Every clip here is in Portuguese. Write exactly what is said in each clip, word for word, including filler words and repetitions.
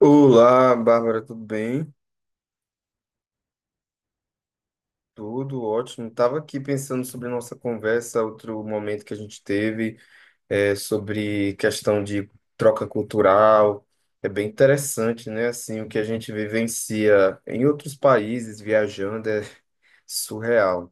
Olá, Bárbara, tudo bem? Tudo ótimo. Estava aqui pensando sobre nossa conversa, outro momento que a gente teve, é, sobre questão de troca cultural. É bem interessante, né? Assim, o que a gente vivencia em outros países viajando é surreal.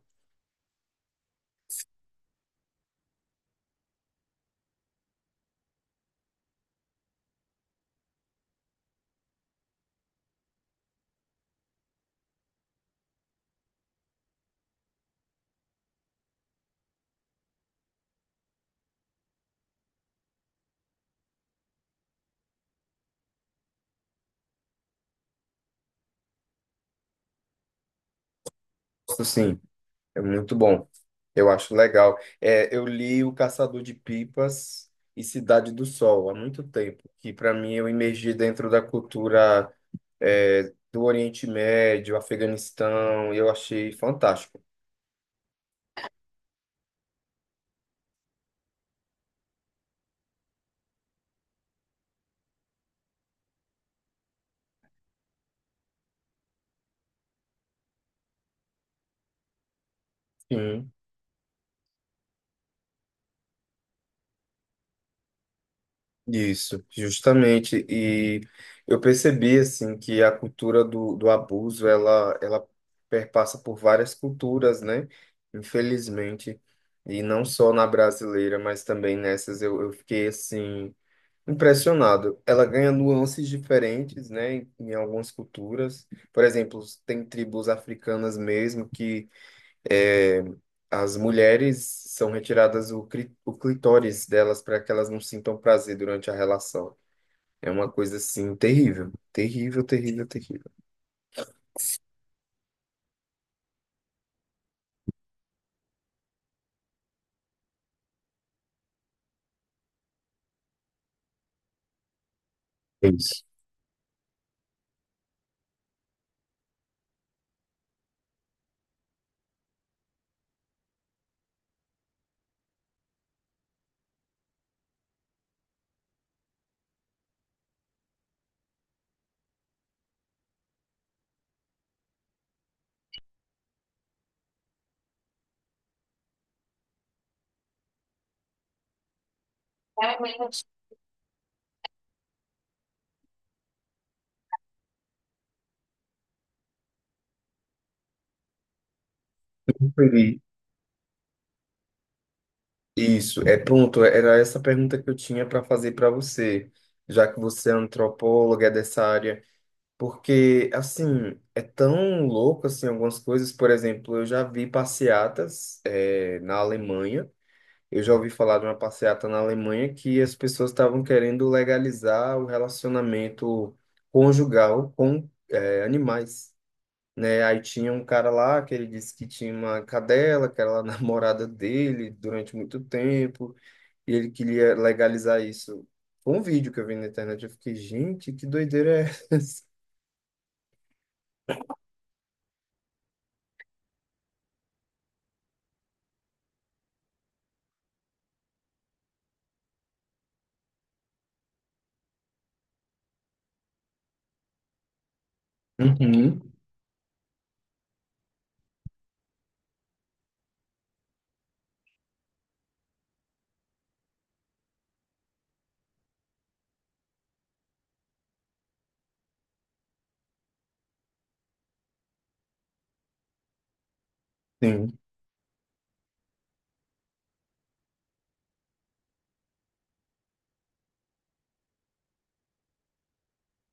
Isso sim, é muito bom. Eu acho legal. É, eu li O Caçador de Pipas e Cidade do Sol há muito tempo, que para mim eu imergi dentro da cultura é, do Oriente Médio, Afeganistão, e eu achei fantástico. Sim. Isso, justamente. E eu percebi assim que a cultura do, do abuso ela ela perpassa por várias culturas, né? Infelizmente, e não só na brasileira, mas também nessas eu, eu fiquei assim impressionado. Ela ganha nuances diferentes, né? Em, em algumas culturas, por exemplo, tem tribos africanas mesmo que É, as mulheres são retiradas o, cri- o clitóris delas para que elas não sintam prazer durante a relação. É uma coisa assim terrível, terrível, terrível, terrível. É isso. Entendi. Isso, é pronto. Era essa pergunta que eu tinha para fazer para você, já que você é antropóloga é dessa área, porque assim é tão louco assim algumas coisas. Por exemplo, eu já vi passeatas eh, na Alemanha. Eu já ouvi falar de uma passeata na Alemanha que as pessoas estavam querendo legalizar o relacionamento conjugal com eh, animais, né? Aí tinha um cara lá que ele disse que tinha uma cadela, que era a namorada dele durante muito tempo, e ele queria legalizar isso. Foi um vídeo que eu vi na internet, eu fiquei, gente, que doideira é essa? Uhum. Sim,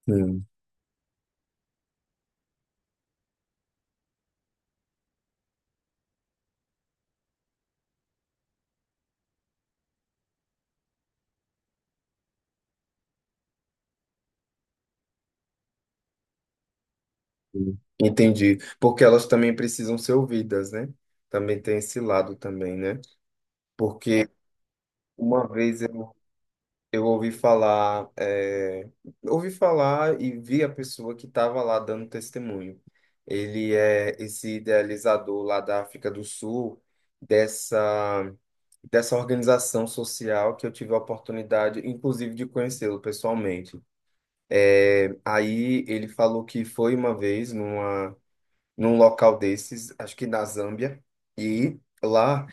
sim, sim. Entendi. Porque elas também precisam ser ouvidas, né? Também tem esse lado também, né? Porque Uma vez eu, eu ouvi falar, é, ouvi falar e vi a pessoa que estava lá dando testemunho. Ele é esse idealizador lá da África do Sul, dessa, dessa organização social que eu tive a oportunidade, inclusive, de conhecê-lo pessoalmente. É, aí ele falou que foi uma vez numa, num local desses, acho que na Zâmbia, e lá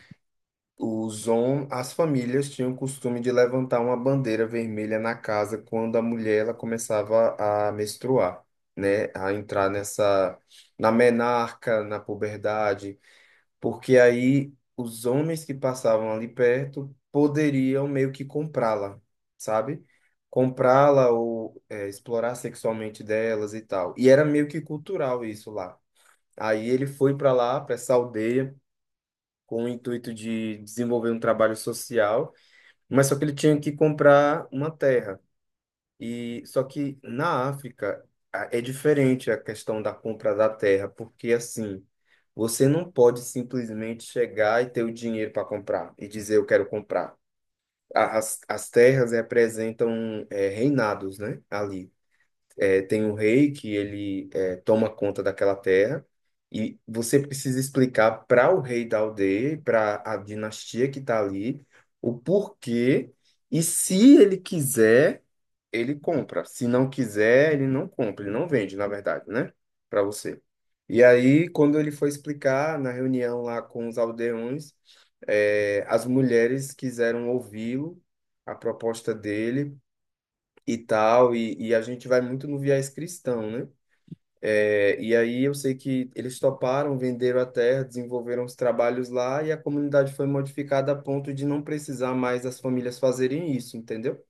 os hom as famílias tinham o costume de levantar uma bandeira vermelha na casa quando a mulher ela começava a menstruar, né? A entrar nessa, na menarca, na puberdade, porque aí os homens que passavam ali perto poderiam meio que comprá-la, sabe? Comprá-la ou eh, explorar sexualmente delas e tal. E era meio que cultural isso lá. Aí ele foi para lá, para essa aldeia com o intuito de desenvolver um trabalho social, mas só que ele tinha que comprar uma terra. E só que na África a- é diferente a questão da compra da terra, porque assim, você não pode simplesmente chegar e ter o dinheiro para comprar e dizer eu quero comprar. A- As, as terras representam eh, reinados, né? Ali. É, tem um rei que ele é, toma conta daquela terra e você precisa explicar para o rei da aldeia, para a dinastia que está ali, o porquê e se ele quiser, ele compra. Se não quiser, ele não compra, ele não vende, na verdade, né? Para você. E aí, quando ele foi explicar na reunião lá com os aldeões, é, as mulheres quiseram ouvi-lo, a proposta dele e tal, e, e a gente vai muito no viés cristão, né? É, e aí eu sei que eles toparam, venderam a terra, desenvolveram os trabalhos lá e a comunidade foi modificada a ponto de não precisar mais as famílias fazerem isso, entendeu?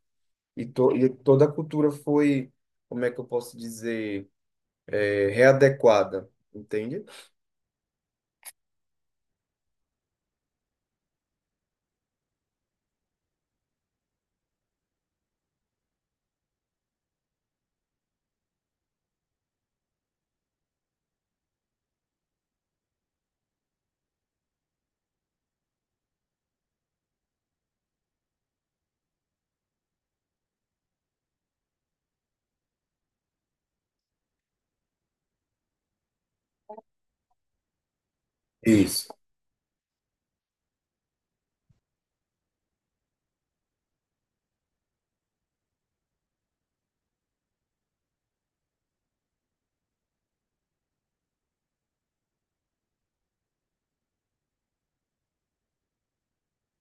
E, to, e toda a cultura foi, como é que eu posso dizer, é, readequada, entende? Isso.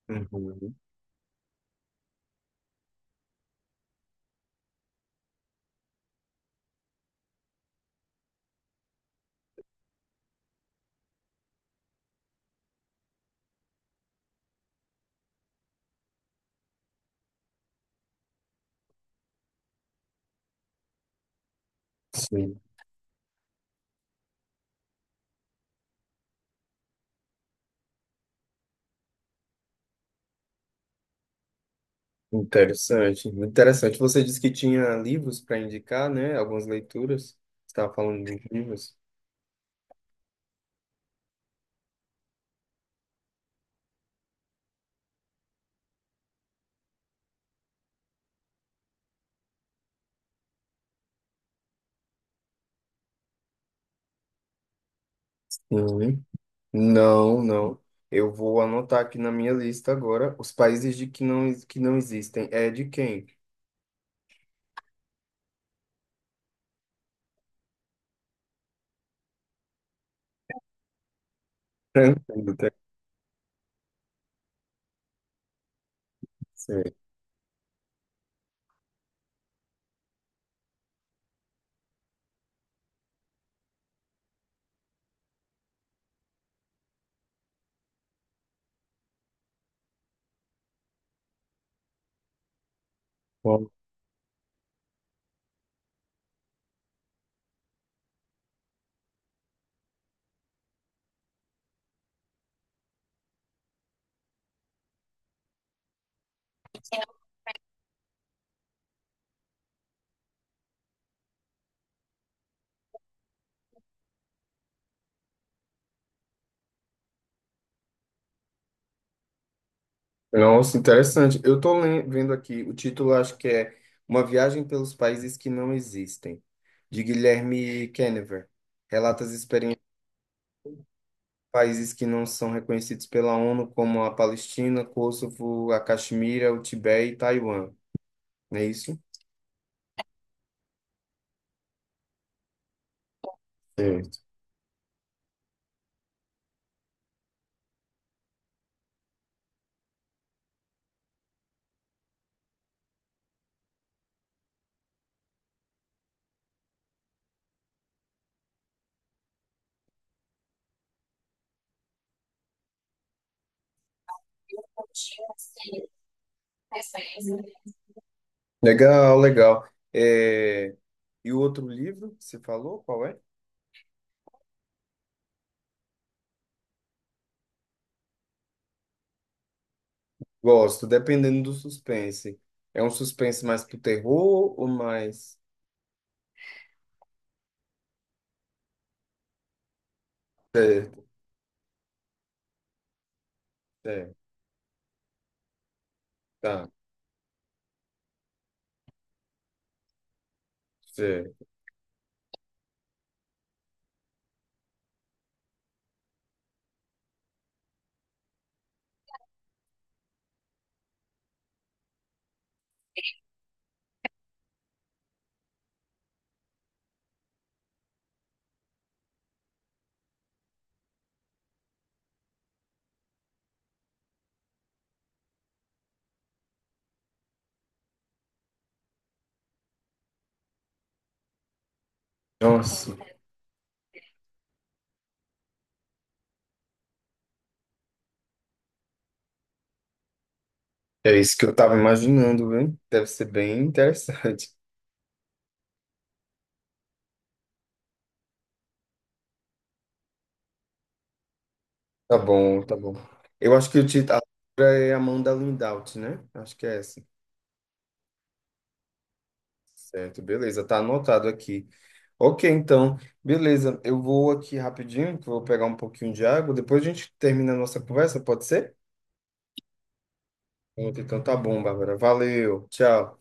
Uhum, sim. Interessante, interessante. Você disse que tinha livros para indicar, né? Algumas leituras. Você estava falando de livros. Uhum. Não, não. Eu vou anotar aqui na minha lista agora os países de que não, que não existem. É de quem? Tranquilo, tá certo. Bom, nossa, interessante. Eu estou vendo aqui, o título acho que é Uma Viagem pelos Países que Não Existem, de Guilherme Kennever. Relata as experiências de países que não são reconhecidos pela ONU, como a Palestina, Kosovo, a Caxemira, o Tibete e Taiwan. Não é isso? Certo. Legal, legal. É, e o outro livro que você falou, qual é? Gosto, dependendo do suspense. É um suspense mais pro terror ou mais. Certo, certo, tá, certo. Nossa, é isso que eu tava imaginando, viu? Deve ser bem interessante. Tá bom, tá bom. Eu acho que o título a autora é Amanda Lindhout, né? Acho que é essa. Certo, beleza, tá anotado aqui. Ok, então, beleza. Eu vou aqui rapidinho, que eu vou pegar um pouquinho de água. Depois a gente termina a nossa conversa, pode ser? Então tá bom, Bárbara. Valeu, tchau.